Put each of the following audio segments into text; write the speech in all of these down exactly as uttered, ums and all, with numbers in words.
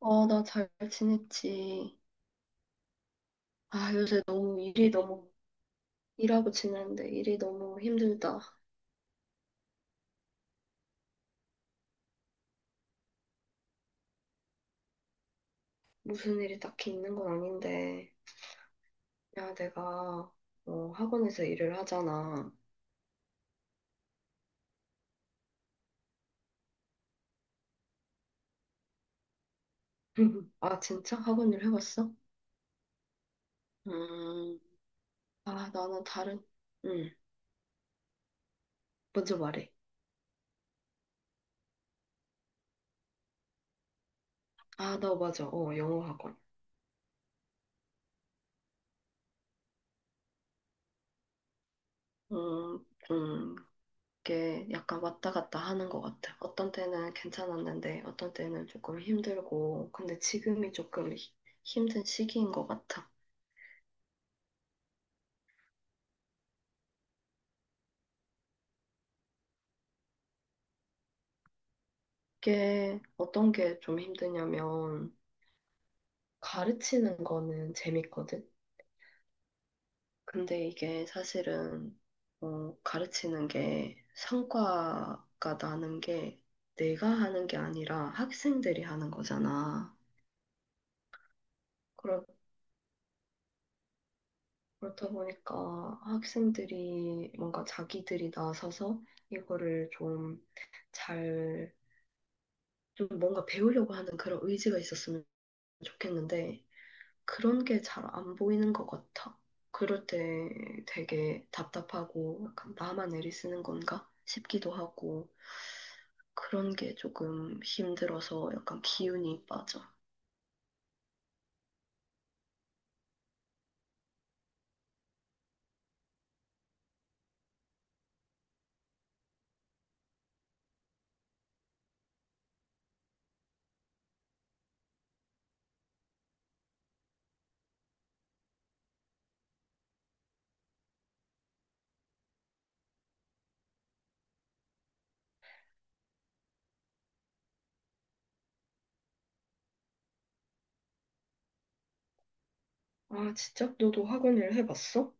어, 나 잘 지냈지. 아, 요새 너무 일이 너무, 일하고 지내는데 일이 너무 힘들다. 무슨 일이 딱히 있는 건 아닌데. 야, 내가, 어, 학원에서 일을 하잖아. 아, 진짜? 학원 일 해봤어? 음, 아, 나는 다른, 음, 먼저 말해. 아, 나 맞아. 어, 영어 학원. 음, 음, 게 약간 왔다 갔다 하는 것 같아. 어떤 때는 괜찮았는데, 어떤 때는 조금 힘들고, 근데 지금이 조금 히- 힘든 시기인 것 같아. 이게 어떤 게 좀 힘드냐면, 가르치는 거는 재밌거든? 근데 이게 사실은, 어, 가르치는 게 성과가 나는 게 내가 하는 게 아니라 학생들이 하는 거잖아. 그러다 그렇다 보니까 학생들이 뭔가 자기들이 나서서 이거를 좀 잘, 좀 뭔가 배우려고 하는 그런 의지가 있었으면 좋겠는데, 그런 게 잘 안 보이는 것 같아. 그럴 때 되게 답답하고, 약간 나만 애리 쓰는 건가 싶기도 하고, 그런 게 조금 힘들어서 약간 기운이 빠져. 아, 진짜? 너도 학원 일 해봤어?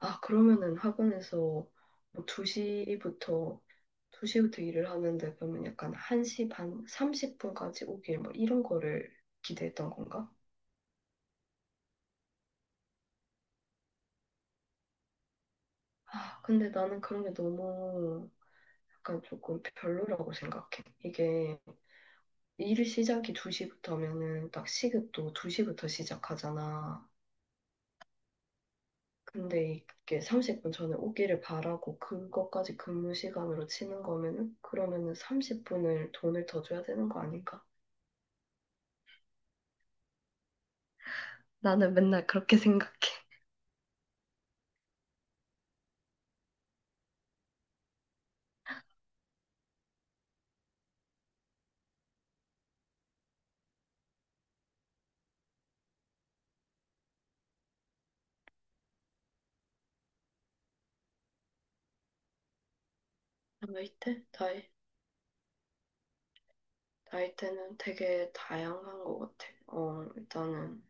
아, 그러면은 학원에서 뭐 두 시부터, 두 시부터 일을 하는데 그러면 약간 한 시 반, 삼십 분까지 오길 뭐 이런 거를 기대했던 건가? 아, 근데 나는 그런 게 너무 약간 조금 별로라고 생각해. 이게 일 시작이 두 시부터 하면은 딱 시급도 두 시부터 시작하잖아. 근데 이게 삼십 분 전에 오기를 바라고 그것까지 근무 시간으로 치는 거면은 그러면은 삼십 분을 돈을 더 줘야 되는 거 아닌가? 나는 맨날 그렇게 생각해. 나이 때? 나이, 나이대는 되게 다양한 것 같아. 어, 일단은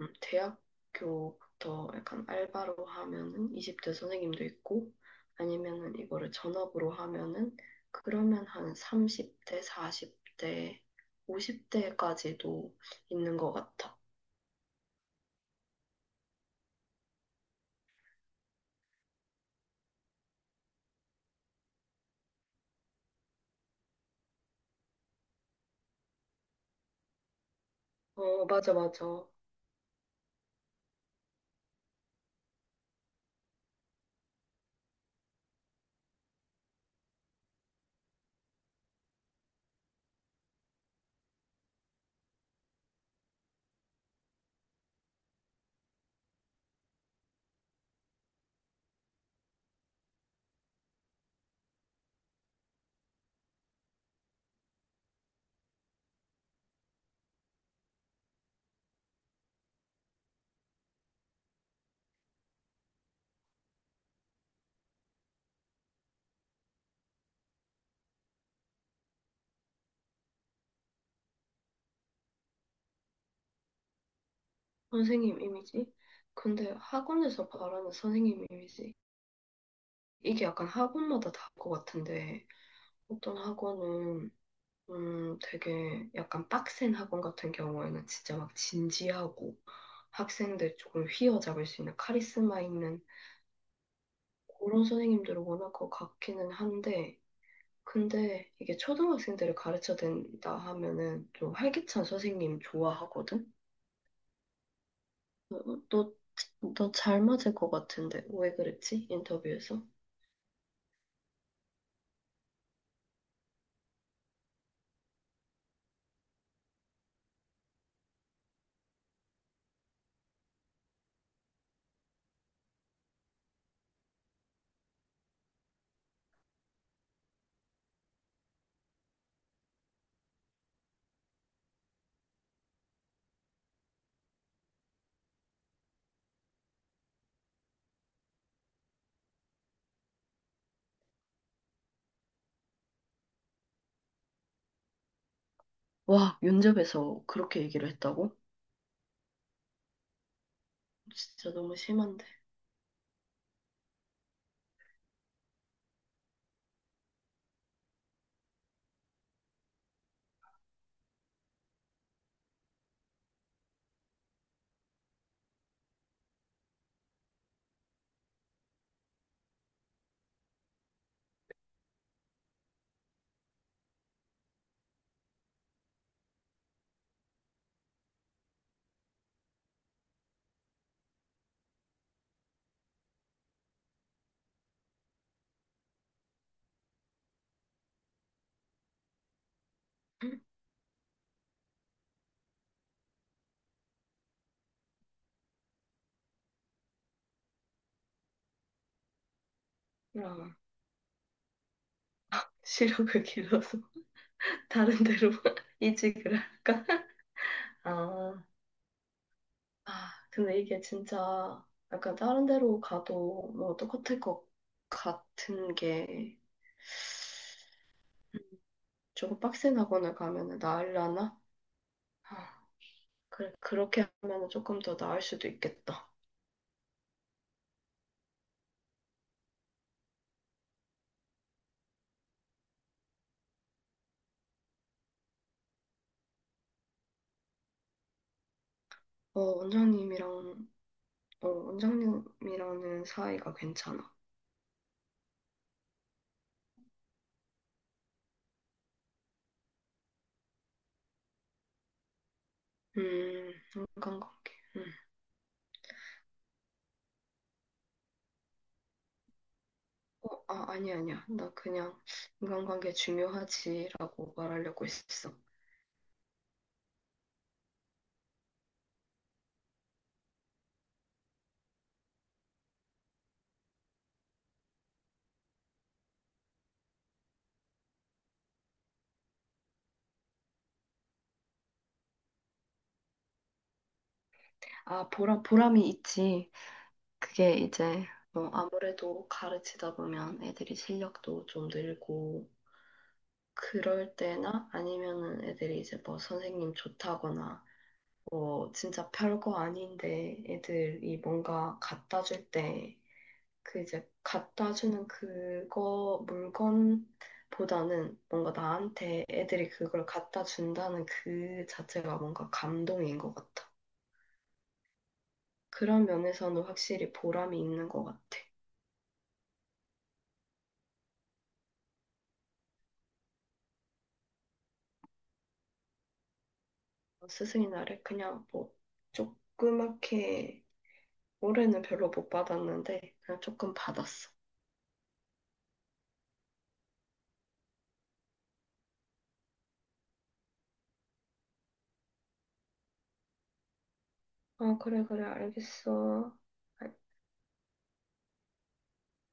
음, 대학교부터 약간 알바로 하면은 이십 대 선생님도 있고, 아니면은 이거를 전업으로 하면은 그러면 한 삼십 대, 사십 대, 오십 대까지도 있는 것 같아. 어, 맞아, 맞아. 선생님 이미지? 근데 학원에서 바라는 선생님 이미지? 이게 약간 학원마다 다를 것 같은데. 어떤 학원은 음, 되게 약간 빡센 학원 같은 경우에는 진짜 막 진지하고 학생들 조금 휘어잡을 수 있는 카리스마 있는 그런 선생님들을 원할 것 같기는 한데 근데 이게 초등학생들을 가르쳐야 된다 하면은 좀 활기찬 선생님 좋아하거든? 어, 어, 너, 너 잘 맞을 것 같은데 왜 그랬지? 인터뷰에서? 와, 면접에서 그렇게 얘기를 했다고? 진짜 너무 심한데. 랑 시력을 길러서 다른 데로 이직을 할까? 아, 아, 근데 이게 진짜 약간 다른 데로 가도 뭐 똑같을 것 같은 게 조금 빡센 학원을 가면은 나으려나? 아, 그래, 그렇게 하면은 조금 더 나을 수도 있겠다. 어, 원장님이랑, 어, 원장님이랑은 사이가 괜찮아. 음, 인간관계. 음. 어, 아, 아니야, 아니야. 나 그냥 인간관계 중요하지라고 말하려고 했어. 아, 보람, 보람이 있지. 그게 이제, 어, 아무래도 가르치다 보면 애들이 실력도 좀 늘고, 그럴 때나 아니면은 애들이 이제 뭐 선생님 좋다거나, 뭐 진짜 별거 아닌데 애들이 뭔가 갖다 줄 때, 그 이제 갖다 주는 그거, 물건보다는 뭔가 나한테 애들이 그걸 갖다 준다는 그 자체가 뭔가 감동인 것 같아. 그런 면에서는 확실히 보람이 있는 것 같아. 스승의 날에 그냥 뭐 조그맣게 올해는 별로 못 받았는데 그냥 조금 받았어. 아, 그래, 그래, 알겠어.